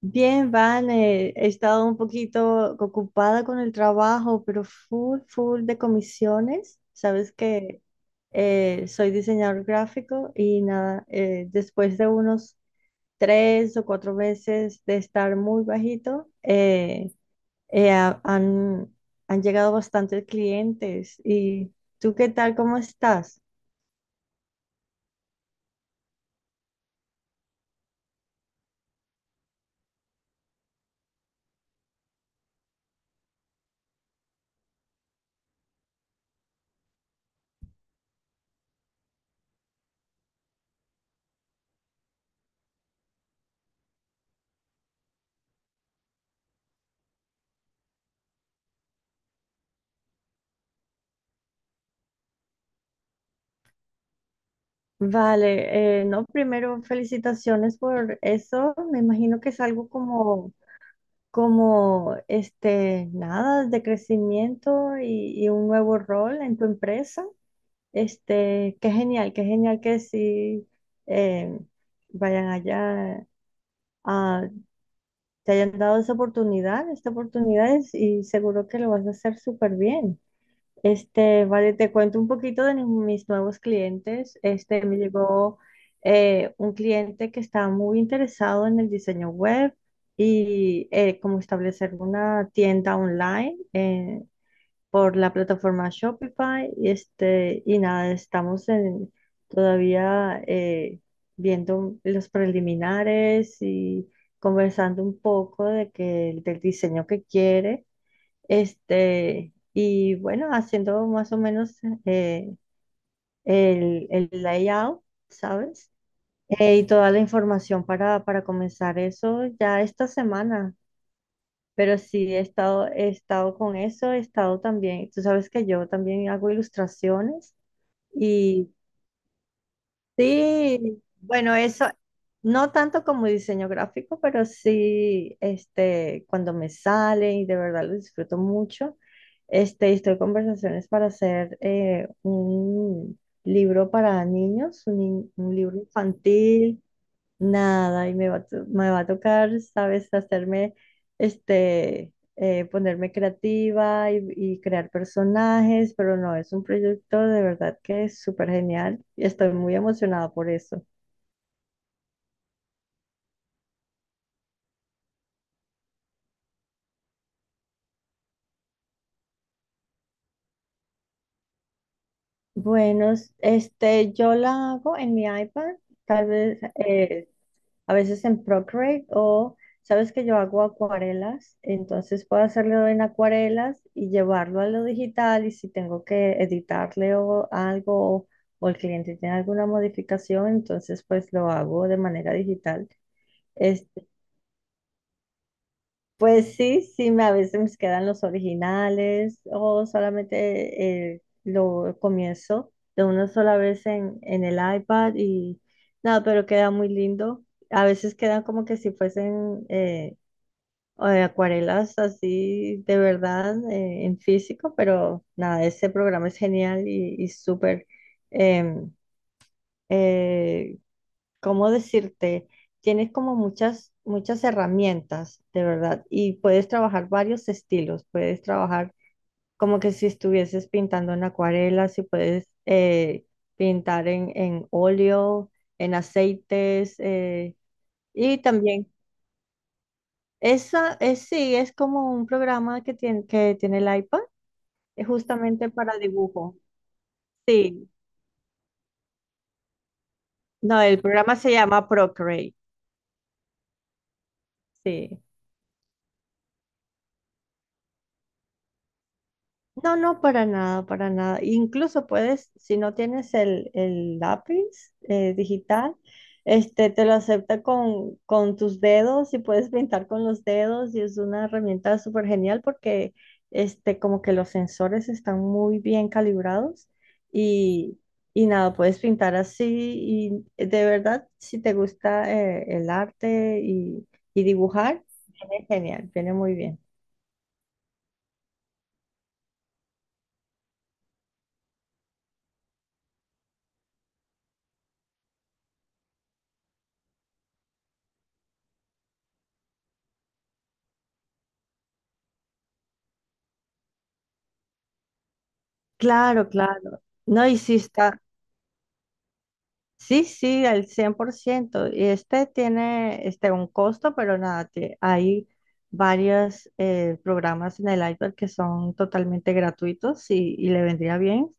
Bien, Vane, he estado un poquito ocupada con el trabajo, pero full, full de comisiones. Sabes que soy diseñador gráfico y nada, después de unos tres o cuatro meses de estar muy bajito, eh, ha- han, han llegado bastantes clientes. ¿Y tú qué tal? ¿Cómo estás? Vale, no, primero felicitaciones por eso. Me imagino que es algo como nada de crecimiento y un nuevo rol en tu empresa. Este, qué genial que sí eh, vayan allá, a, te hayan dado esa oportunidad, y seguro que lo vas a hacer súper bien. Este, vale, te cuento un poquito de mis nuevos clientes. Este, me llegó un cliente que está muy interesado en el diseño web y como establecer una tienda online por la plataforma Shopify. Y, este, y nada, todavía viendo los preliminares y conversando un poco del diseño que quiere. Este, y bueno, haciendo más o menos eh, el layout, ¿sabes? Y toda la información para comenzar eso ya esta semana. Pero sí, he estado con eso, he estado también, tú sabes que yo también hago ilustraciones y sí, bueno, eso, no tanto como diseño gráfico, pero sí, este, cuando me sale y de verdad lo disfruto mucho, este, estoy en conversaciones para hacer un libro para niños, un libro infantil. Nada, me va a tocar, ¿sabes? Hacerme, este, ponerme creativa y crear personajes, pero no, es un proyecto de verdad que es súper genial y estoy muy emocionada por eso. Bueno, este, yo la hago en mi iPad, tal vez, eh, a veces en Procreate o sabes que yo hago acuarelas, entonces puedo hacerlo en acuarelas y llevarlo a lo digital y si tengo que editarle o algo o el cliente tiene alguna modificación, entonces pues lo hago de manera digital. Este, pues sí, sí, me, a veces me quedan los originales o solamente lo comienzo de una sola vez en el iPad y nada, pero queda muy lindo. A veces quedan como que si fuesen o de acuarelas así de verdad en físico, pero nada, ese programa es genial y súper, em, eh, ¿cómo decirte? Tienes como muchas, muchas herramientas, de verdad, y puedes trabajar varios estilos, puedes trabajar como que si estuvieses pintando en acuarela, si puedes pintar en óleo, en aceites, y también... Esa es, sí, es como un programa que tiene el iPad, es justamente para dibujo. Sí, no, el programa se llama Procreate. Sí. No, no, para nada, para nada. Incluso puedes, si no tienes el lápiz digital, este, te lo acepta con tus dedos y puedes pintar con los dedos y es una herramienta súper genial porque este, como que los sensores están muy bien calibrados y, y nada, puedes pintar así y de verdad, si te gusta el arte y dibujar, viene genial, viene muy bien. Claro, claro. No, y si está sí, sí, al 100%. Y este tiene este, un costo, pero nada, hay varios programas en el iPad que son totalmente gratuitos y le vendría bien,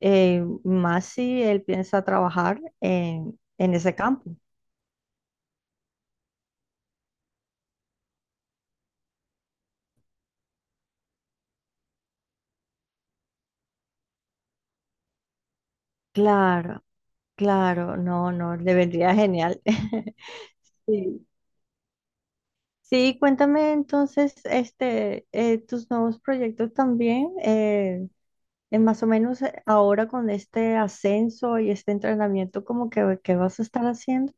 más si él piensa trabajar en ese campo. Claro, claro, no, no, le vendría genial. Sí, sí, cuéntame entonces este, tus nuevos proyectos también. Más o menos ahora con este ascenso y este entrenamiento, como que, ¿qué vas a estar haciendo?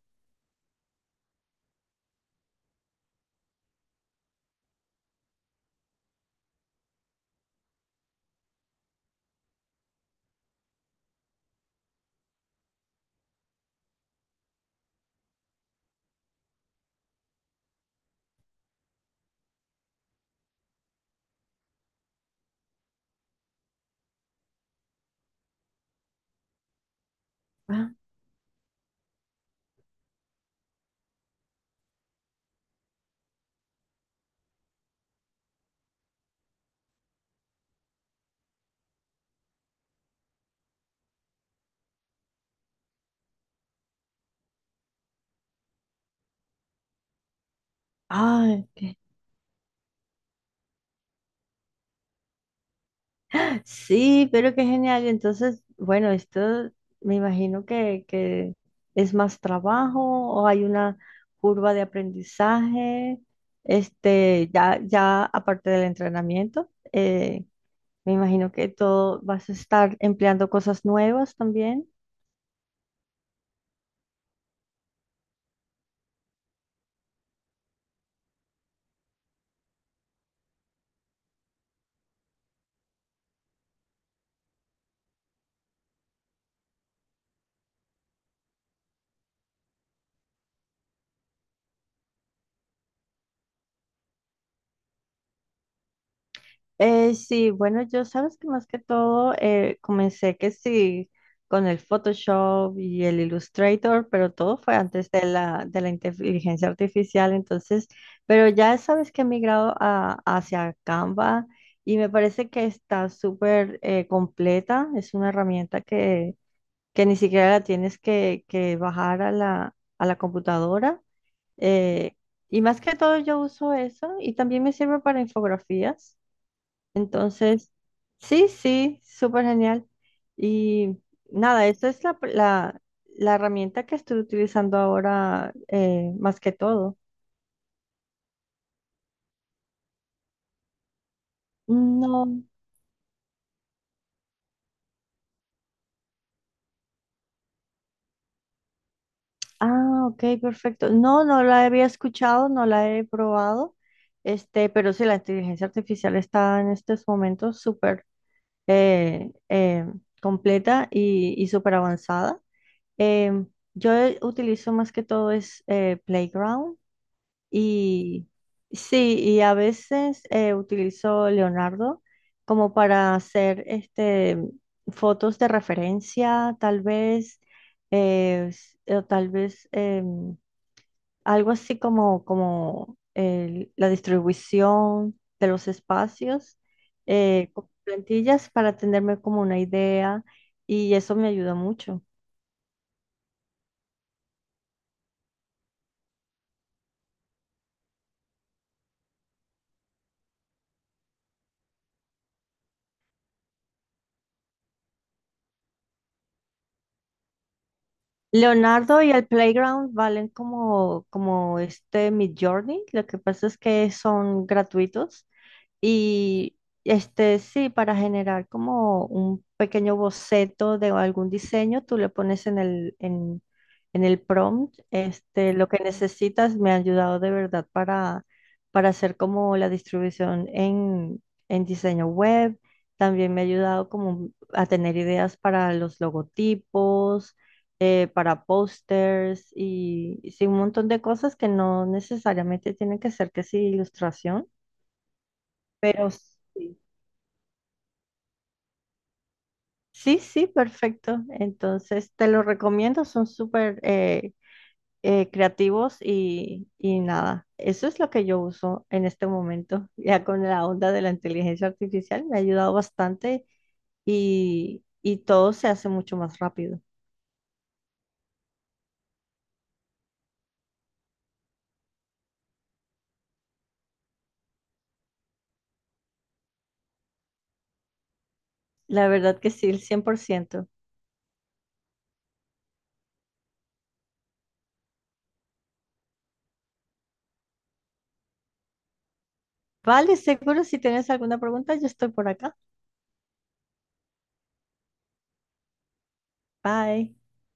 Ah, ay, qué- sí, pero qué genial. Y entonces, bueno, esto me imagino que es más trabajo o hay una curva de aprendizaje, este, ya, ya aparte del entrenamiento, me imagino que todo vas a estar empleando cosas nuevas también. Sí, bueno, yo sabes que más que todo comencé que sí con el Photoshop y el Illustrator, pero todo fue antes de de la inteligencia artificial, entonces, pero ya sabes que hacia Canva y me parece que está súper completa, es una herramienta que ni siquiera la tienes que bajar a a la computadora. eh, y más que todo yo uso eso y también me sirve para infografías. Entonces, sí, sí, súper genial. Y nada, esta es la herramienta que estoy utilizando ahora más que todo. No, ah, ok, perfecto. No, no la había escuchado, no la he probado, este, pero sí, la inteligencia artificial está en estos momentos súper eh, eh, completa y súper avanzada. Em, yo utilizo más que todo es Playground. Y sí, y a veces utilizo Leonardo como para hacer este, fotos de referencia, tal vez, o tal vez algo así como, como la distribución de los espacios, con plantillas para tenerme como una idea y eso me ayuda mucho. Leonardo y el Playground valen como, como este Midjourney. Lo que pasa es que son gratuitos. Y este sí, para generar como un pequeño boceto de algún diseño, tú le pones en el prompt, este, lo que necesitas. Me ha ayudado de verdad para hacer como la distribución en diseño web. También me ha ayudado como a tener ideas para los logotipos, para pósters y sí, un montón de cosas que no necesariamente tienen que ser que sí ilustración, pero sí. Sí, sí, perfecto. Entonces, te lo recomiendo, son súper creativos y nada, eso es lo que yo uso en este momento. Ya con la onda de la inteligencia artificial me ha ayudado bastante y todo se hace mucho más rápido. La verdad que sí, el 100%. Vale, seguro si tienes alguna pregunta, yo estoy por acá. Bye.